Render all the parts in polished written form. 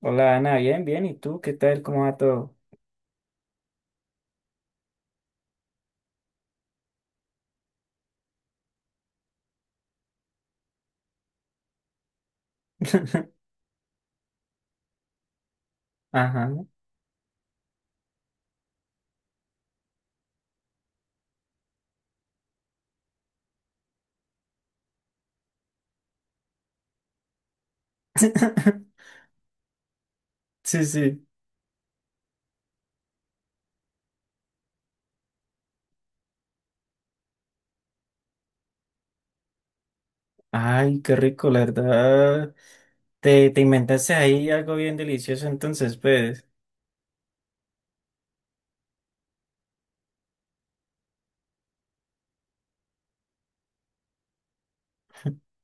Hola Ana, bien, bien. ¿Y tú qué tal? ¿Cómo va todo? Ajá. Sí, sí. Ay, qué rico, la verdad. Te inventaste ahí algo bien delicioso, entonces, pues.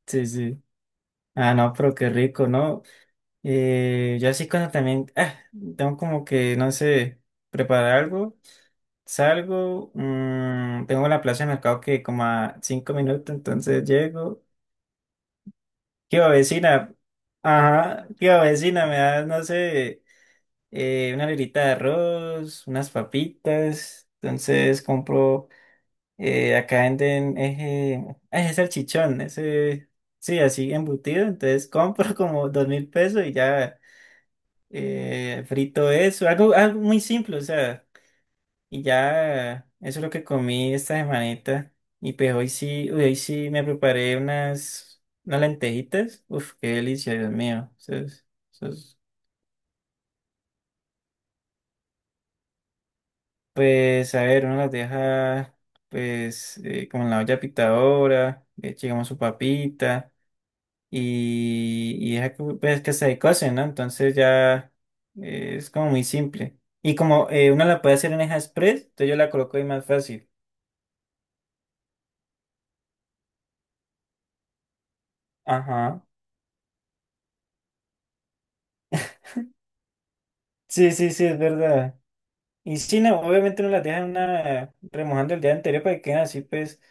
Sí, sí. Ah, no, pero qué rico, ¿no? Yo así cuando también, tengo como que, no sé, preparar algo, salgo, tengo la plaza de mercado que como a cinco minutos, entonces llego. ¿Qué vecina? Ajá, ¿qué va, vecina? Me da, no sé. Una librita de arroz, unas papitas. Entonces compro, acá venden ese salchichón, sí, así embutido. Entonces compro como dos mil pesos y ya frito eso, algo muy simple, o sea, y ya eso es lo que comí esta semanita. Y pues hoy sí, uy, hoy sí me preparé unas lentejitas. Uf, qué delicia, Dios mío. Eso es pues, a ver, uno las deja, pues, como en la olla pitadora, le echa, digamos, su papita y deja que, pues, que se cocen, ¿no? Entonces ya es como muy simple. Y como uno la puede hacer en Eja Express, entonces yo la coloco ahí más fácil. Ajá. Sí, sí, sí, es verdad. Y sí, no, obviamente uno las deja en una, remojando el día anterior para que queden así, pues,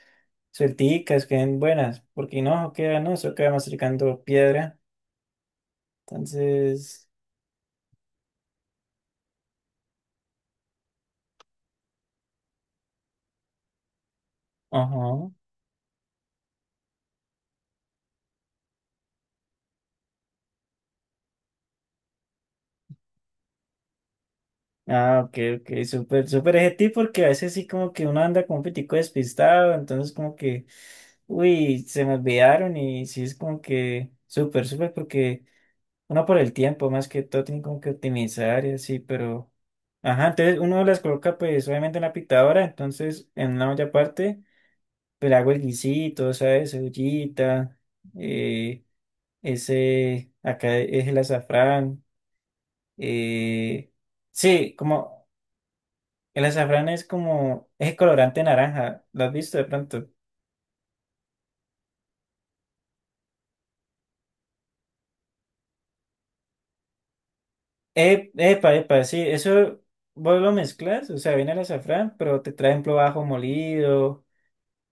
suelticas, queden buenas, porque no, queda, no, eso queda masticando piedra. Entonces, ajá. Ah, ok, ok, súper, súper ese tip porque a veces sí como que uno anda como un pitico despistado, entonces como que, uy, se me olvidaron y sí es como que súper, súper porque uno por el tiempo más que todo tiene como que optimizar y así, pero, ajá, entonces uno las coloca pues obviamente en la pitadora, entonces en una olla aparte, pues le hago el guisito, ¿sabes? Cebollita, eh, ese, acá es el azafrán, eh, sí, como... El azafrán es como, es colorante naranja, ¿lo has visto de pronto? Epa, epa, sí, eso vos lo mezclas, o sea, viene el azafrán, pero te traen ejemplo ajo molido,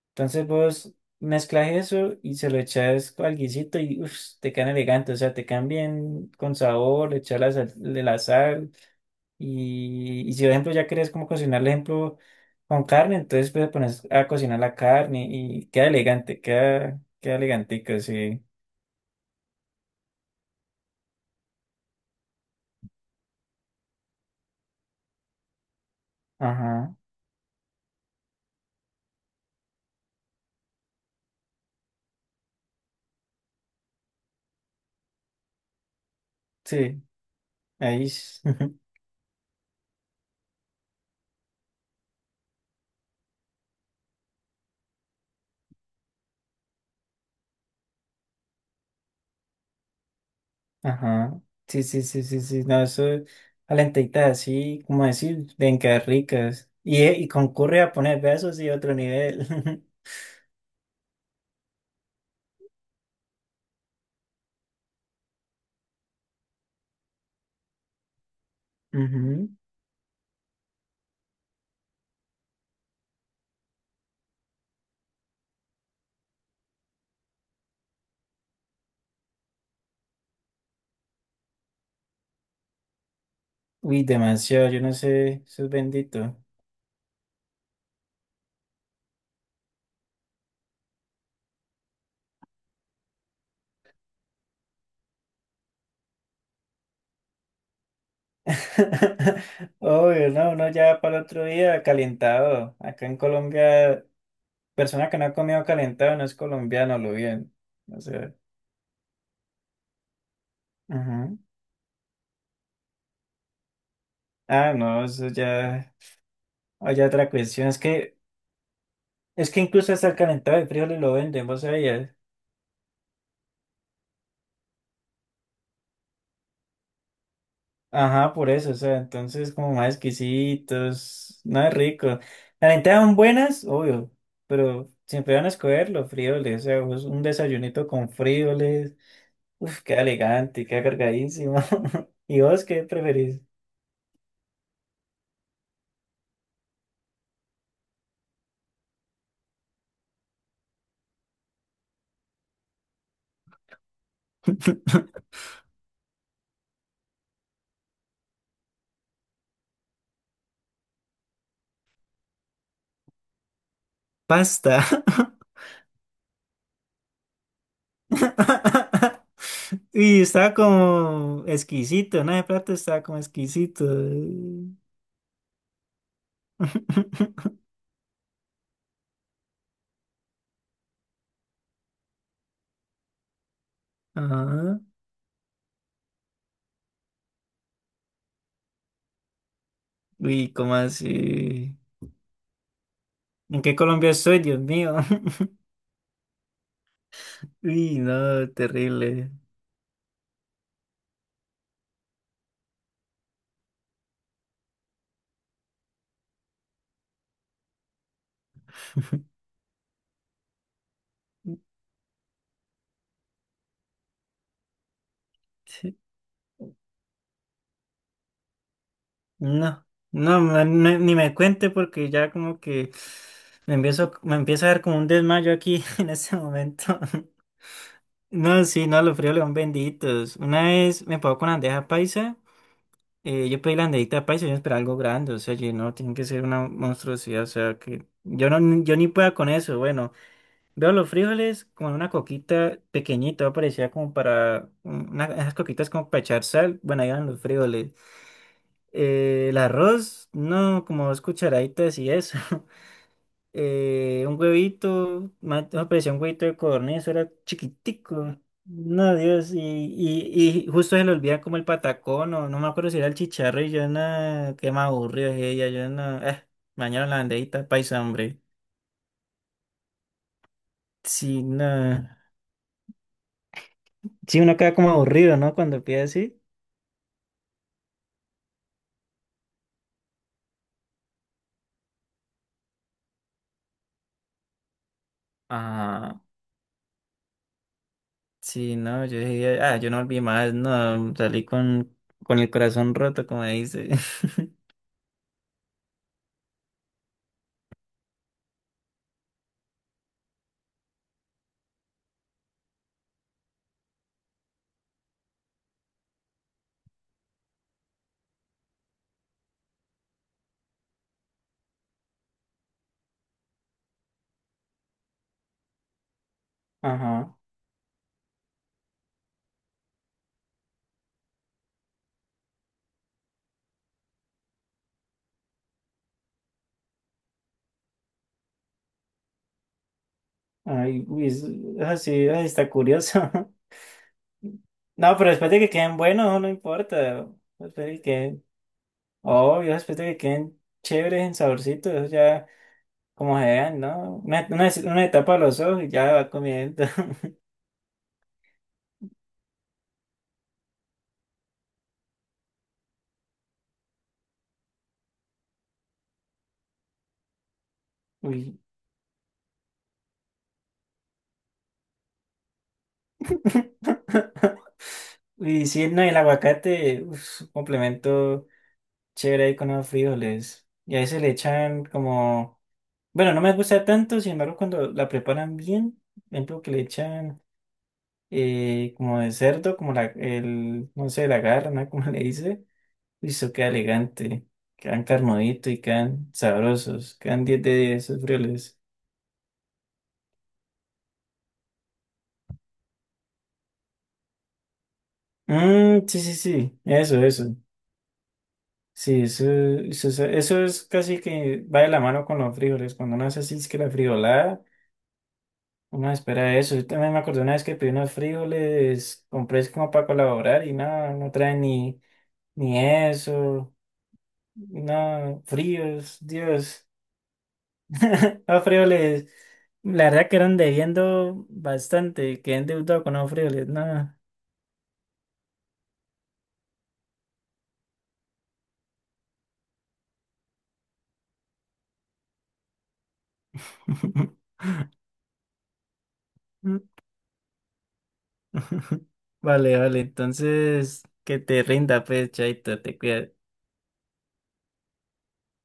entonces vos mezclas eso y se lo echas al guisito y uff, te quedan elegante, o sea, te quedan bien con sabor, le echas la sal, de la sal y si por ejemplo ya querés como cocinar, por ejemplo, con carne, entonces pues pones a cocinar la carne y queda elegante, queda, queda elegantico, sí, ajá, sí. Ahí, s- ajá. Sí, sí, sí, sí, sí. No, eso, calentita así, como decir, bien que ricas. Y concurre a poner besos y otro nivel. Ujú. Uy, demasiado, yo no sé, eso es bendito. Obvio, no, no, ya para el otro día, calentado. Acá en Colombia, persona que no ha comido calentado no es colombiano, lo bien. O sea, ujú. Ah, no, eso ya, hay otra cuestión, es que es que incluso hasta el calentado de frijoles lo venden, vos sabías. Ajá, por eso, o sea, entonces como más exquisitos, no es rico. Las lentejas son buenas, obvio, pero siempre van a escoger los frijoles, o sea, vos un desayunito con frijoles, uf, queda elegante, queda cargadísimo. ¿Y vos qué preferís? Pasta. Y estaba como exquisito, ¿no? De plato estaba como exquisito. Ajá. Uy, ¿cómo así? ¿En qué Colombia estoy, Dios mío? Uy, no, terrible. Sí, no, no, ma- no, ni me cuente porque ya como que me empieza a dar como un desmayo aquí en este momento. No, sí, no, los fríos león benditos. Una vez me pagó con bandeja paisa, yo pedí la bandejita paisa y yo esperaba algo grande, o sea, yo, no, tiene que ser una monstruosidad, o sea, que yo no, yo ni pueda con eso, bueno. Veo los frijoles como en una coquita pequeñita, parecía como para una, esas coquitas como para echar sal. Bueno, ahí van los frijoles. El arroz, no, como dos cucharaditas y eso. Un huevito, más- no, parecía un huevito de codorniz, era chiquitico. No, Dios, y justo se le olvida como el patacón, o no me acuerdo si era el chicharro, y yo no, qué más aburrido es ella, yo no, mañana la banderita, paisa, hombre. Sí, no. Sí, uno queda como aburrido, ¿no? Cuando pide así. Ajá, sí, no, yo dije, ah, yo no volví más, no, salí con el corazón roto, como dice. Ajá, ay, uy, es- así ay, está curioso. No, pero después de que queden buenos, no importa, después de que queden, obvio, después de que queden chéveres, en saborcito, eso ya, como se vean, ¿no? Una etapa a los ojos y ya va comiendo. Uy. Uy, sí, no, el aguacate, uf, un complemento. Chévere ahí con los frijoles. Y a veces le echan como... Bueno, no me gusta tanto, sin embargo, cuando la preparan bien, por ejemplo, que le echan como de cerdo, como no sé, la garna, como le dice, y eso queda elegante. Quedan carnudito y quedan sabrosos. Quedan 10 de 10 esos frijoles. Mmm, sí, sí, sí, eso, eso. Sí, eso es casi que va de la mano con los frijoles. Cuando uno hace así, es que la frijolada. No, espera eso. Yo también me acordé una vez que pedí unos frijoles, compré es como para colaborar y nada, no traen ni eso. No, fríos, Dios. Los frijoles, la verdad que eran debiendo bastante, quedé endeudado con los frijoles, nada. Vale, vale, entonces que te rinda, pues, chaito, te cuidas.